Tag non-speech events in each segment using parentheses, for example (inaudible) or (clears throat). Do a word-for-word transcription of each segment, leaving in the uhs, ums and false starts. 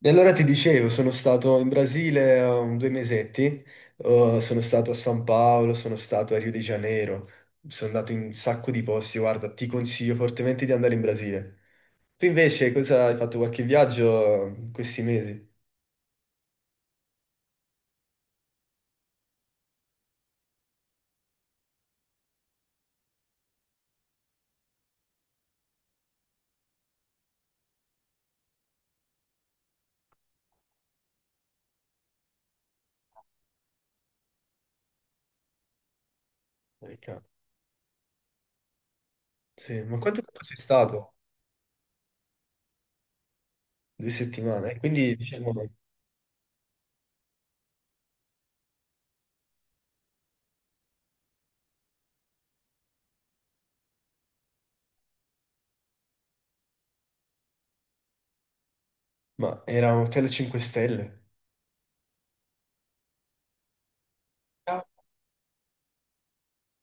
E allora ti dicevo, sono stato in Brasile eh, un- due mesetti. Eh, sono stato a San Paolo, sono stato a Rio de Janeiro, sono andato in un sacco di posti. Guarda, ti consiglio fortemente di andare in Brasile. Tu invece cosa hai fatto, qualche viaggio eh, in questi mesi? Ecco. Sì, ma quanto tempo sei stato? Due settimane, eh, quindi diciamo, ma era un hotel a cinque stelle? Ah,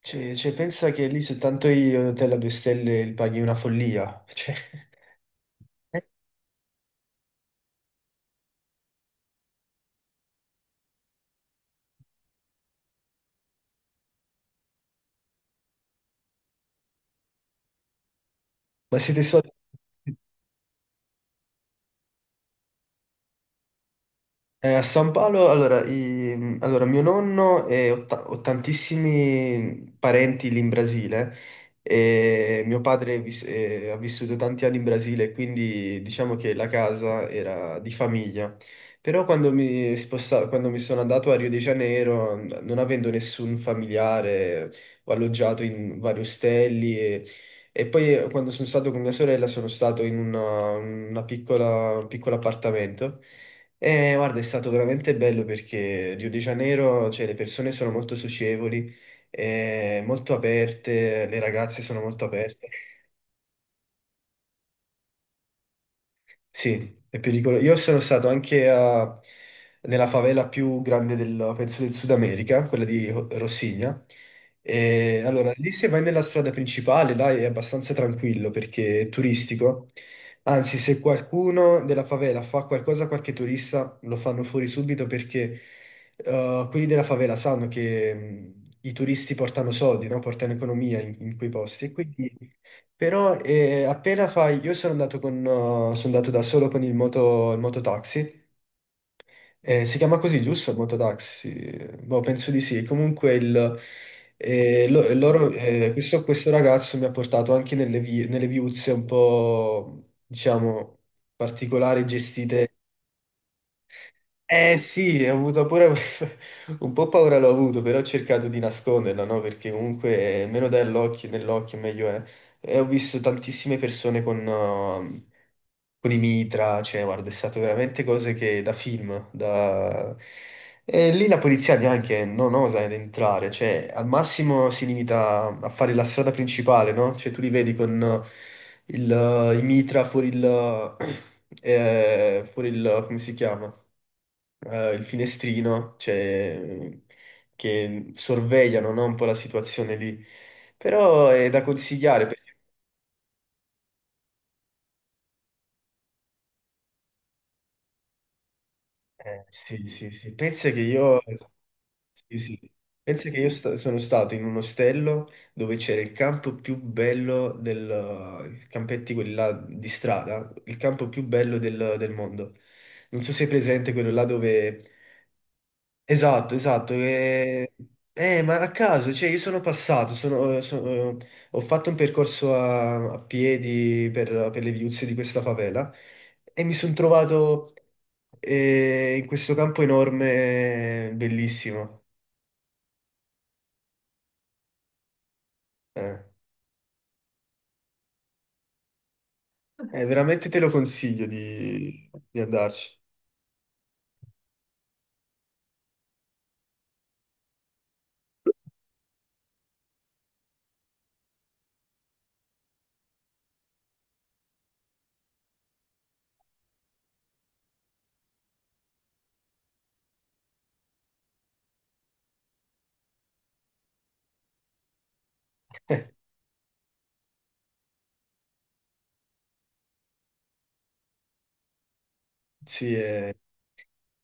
cioè, cioè, pensa che lì soltanto gli hotel a due stelle li paghi una follia, cioè, (laughs) ma siete soldi. Eh, a San Paolo, allora, i- allora, mio nonno e ho, ta- ho tantissimi parenti lì in Brasile e mio padre vis- eh, ha vissuto tanti anni in Brasile, quindi diciamo che la casa era di famiglia. Però quando mi sposta- quando mi sono andato a Rio de Janeiro, n- non avendo nessun familiare, ho alloggiato in vari ostelli e, e poi eh, quando sono stato con mia sorella sono stato in una, una piccola, un piccolo appartamento. Eh, guarda, è stato veramente bello perché Rio de Janeiro, cioè, le persone sono molto socievoli, eh, molto aperte, le ragazze sono molto aperte. Sì, è pericoloso. Io sono stato anche a- nella favela più grande del, penso, del Sud America, quella di Ho- Rossigna. E allora, lì se vai nella strada principale, là è abbastanza tranquillo perché è turistico. Anzi, se qualcuno della favela fa qualcosa a qualche turista, lo fanno fuori subito perché eh, quelli della favela sanno che mh, i turisti portano soldi, no? Portano economia in, in quei posti. E quindi però eh, appena fai, io sono andato, con, eh, sono andato da solo con il moto, il mototaxi. Eh, si chiama così giusto il mototaxi? Boh, penso di sì. Comunque il, eh, lo- loro, eh, questo, questo ragazzo mi ha portato anche nelle, vi- nelle viuzze un po', diciamo, particolari, gestite. Eh sì, ho avuto pure (laughs) un po' paura l'ho avuto, però ho cercato di nasconderla, no? Perché comunque eh, meno dai all'occhio, nell'occhio meglio è. E ho visto tantissime persone con, uh, con i mitra, cioè guarda, è stato veramente cose che da film, da... E lì la polizia neanche non osa ad entrare, cioè al massimo si limita a fare la strada principale, no? Cioè tu li vedi con uh, il, uh, i mitra fuori il... (clears throat) uh, eh, fuori il... come si chiama? Eh, il finestrino, cioè, che sorvegliano, no, un po' la situazione lì. Però è da consigliare perché, eh, sì, sì, sì. Pensa che io, sì, sì. Pensa che io sta- sono stato in un ostello dove c'era il campo più bello del, i campetti quelli là di strada, il campo più bello del, del mondo. Non so se è presente quello là dove... Esatto, esatto. Eh, eh, ma a caso, cioè io sono passato, sono- eh, so- eh, ho fatto un percorso a, a piedi per, per le viuzze di questa favela e mi sono trovato eh, in questo campo enorme, bellissimo. Eh, eh, veramente te lo consiglio di, di andarci. Sì,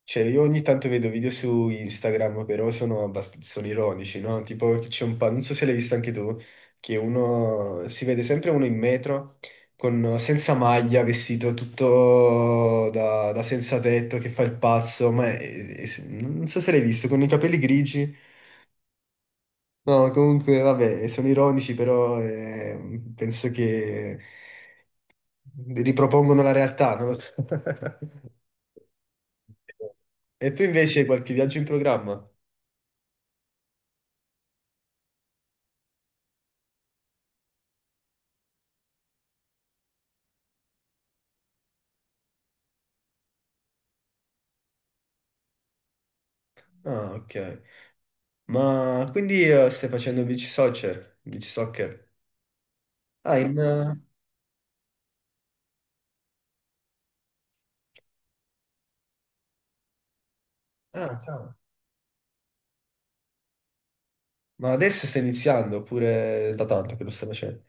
cioè, io ogni tanto vedo video su Instagram, però sono, abbast- sono ironici, no? Tipo, che c'è un pa- non so se l'hai visto anche tu, che uno si vede sempre uno in metro con, senza maglia, vestito tutto da, da senza tetto, che fa il pazzo, ma è- è- non so se l'hai visto, con i capelli grigi. No, comunque, vabbè, sono ironici, però eh, penso che ripropongono la realtà, non lo so. (laughs) E tu invece hai qualche viaggio in programma? Ah, ok. Ma quindi eh, stai facendo beach soccer? Beach soccer? Ah, in... eh, ah, cavolo. Ma adesso stai iniziando oppure da tanto che lo stai facendo?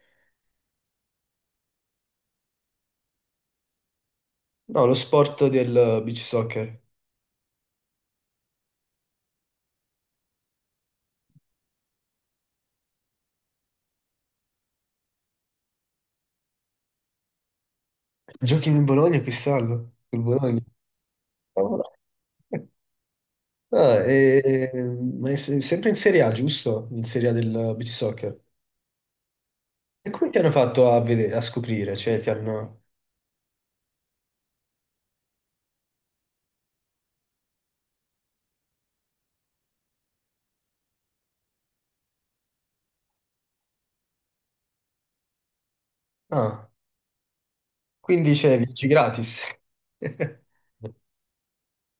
No, lo sport del eh, beach soccer. Giochi in Bologna quest'anno? In Bologna? Cavolo. Ah, e- ma è se- sempre in Serie A, giusto? In Serie A del eh, beach soccer. E come ti hanno fatto a, vedere, a scoprire? Cioè, ti hanno... Ah, quindi c'è viaggi gratis. (laughs)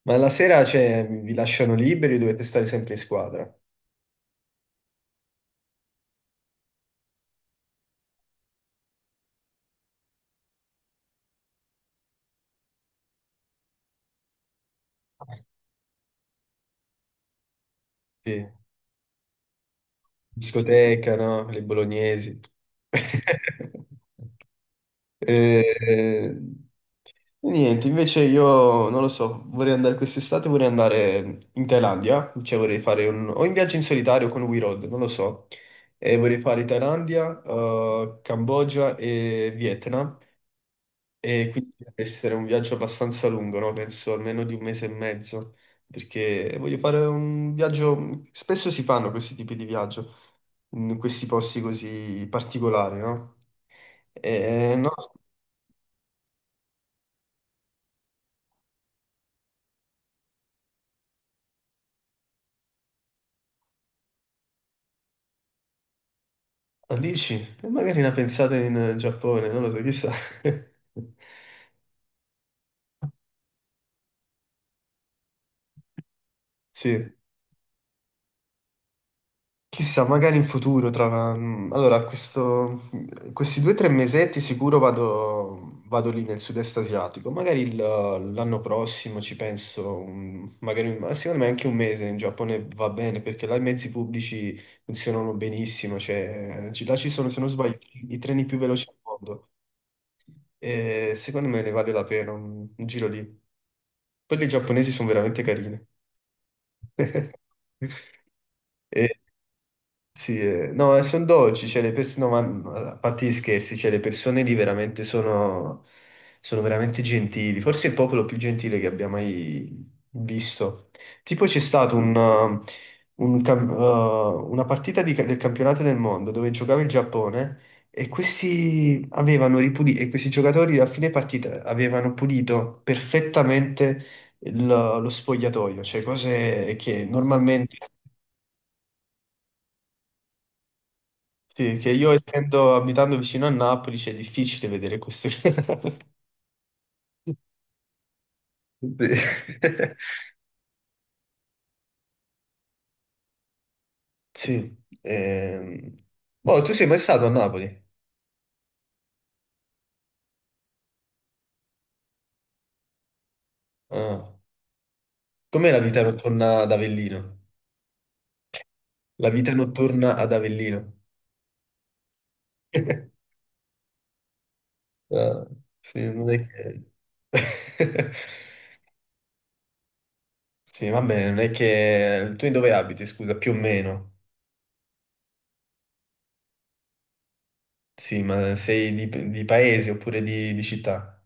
Ma la sera, cioè, vi lasciano liberi, dovete stare sempre in squadra. Sì. Discoteca, no? Le bolognesi. (laughs) Eh, niente, invece io non lo so, vorrei andare quest'estate, vorrei andare in Thailandia, cioè vorrei fare un... o in viaggio in solitario con We Road, non lo so. E vorrei fare Thailandia, eh, Cambogia e Vietnam. E quindi deve essere un viaggio abbastanza lungo, no? Penso almeno di un mese e mezzo, perché voglio fare un viaggio... Spesso si fanno questi tipi di viaggio, in questi posti così particolari, no? E no, dici, e magari una pensata in eh, Giappone, non lo so, chissà. (laughs) Sì. Chissà, magari in futuro, tra... allora, questo- questi due o tre mesetti sicuro vado, vado lì nel sud-est asiatico, magari il- l'anno prossimo ci penso, un- magari, ma secondo me anche un mese in Giappone va bene, perché là i mezzi pubblici funzionano benissimo, cioè, ci- là ci sono, se non sbaglio, i treni più veloci al mondo, e secondo me ne vale la pena un, un giro lì. Poi i giapponesi sono veramente carini. (laughs) E- sì, eh, no, sono dolci, cioè le persone, no, ma a parte gli scherzi, cioè le persone lì veramente sono, sono veramente gentili, forse il popolo più gentile che abbia mai visto. Tipo c'è stato un, uh, un cam- uh, una partita di ca- del campionato del mondo dove giocava il Giappone e questi avevano ripulito, e questi giocatori a fine partita avevano pulito perfettamente il- lo sfogliatoio, cioè cose che mm normalmente... Sì, che io essendo abitando vicino a Napoli c'è difficile vedere queste cose. (laughs) Sì. (laughs) Sì. Ehm, boh, tu sei mai stato a Napoli? Ah. Com'è la vita notturna ad Avellino? La vita notturna ad Avellino. (laughs) Ah, sì, non è che... (laughs) Sì, vabbè, non è che... Tu in dove abiti, scusa, più o meno? Sì, ma sei di, di paese oppure di, di città?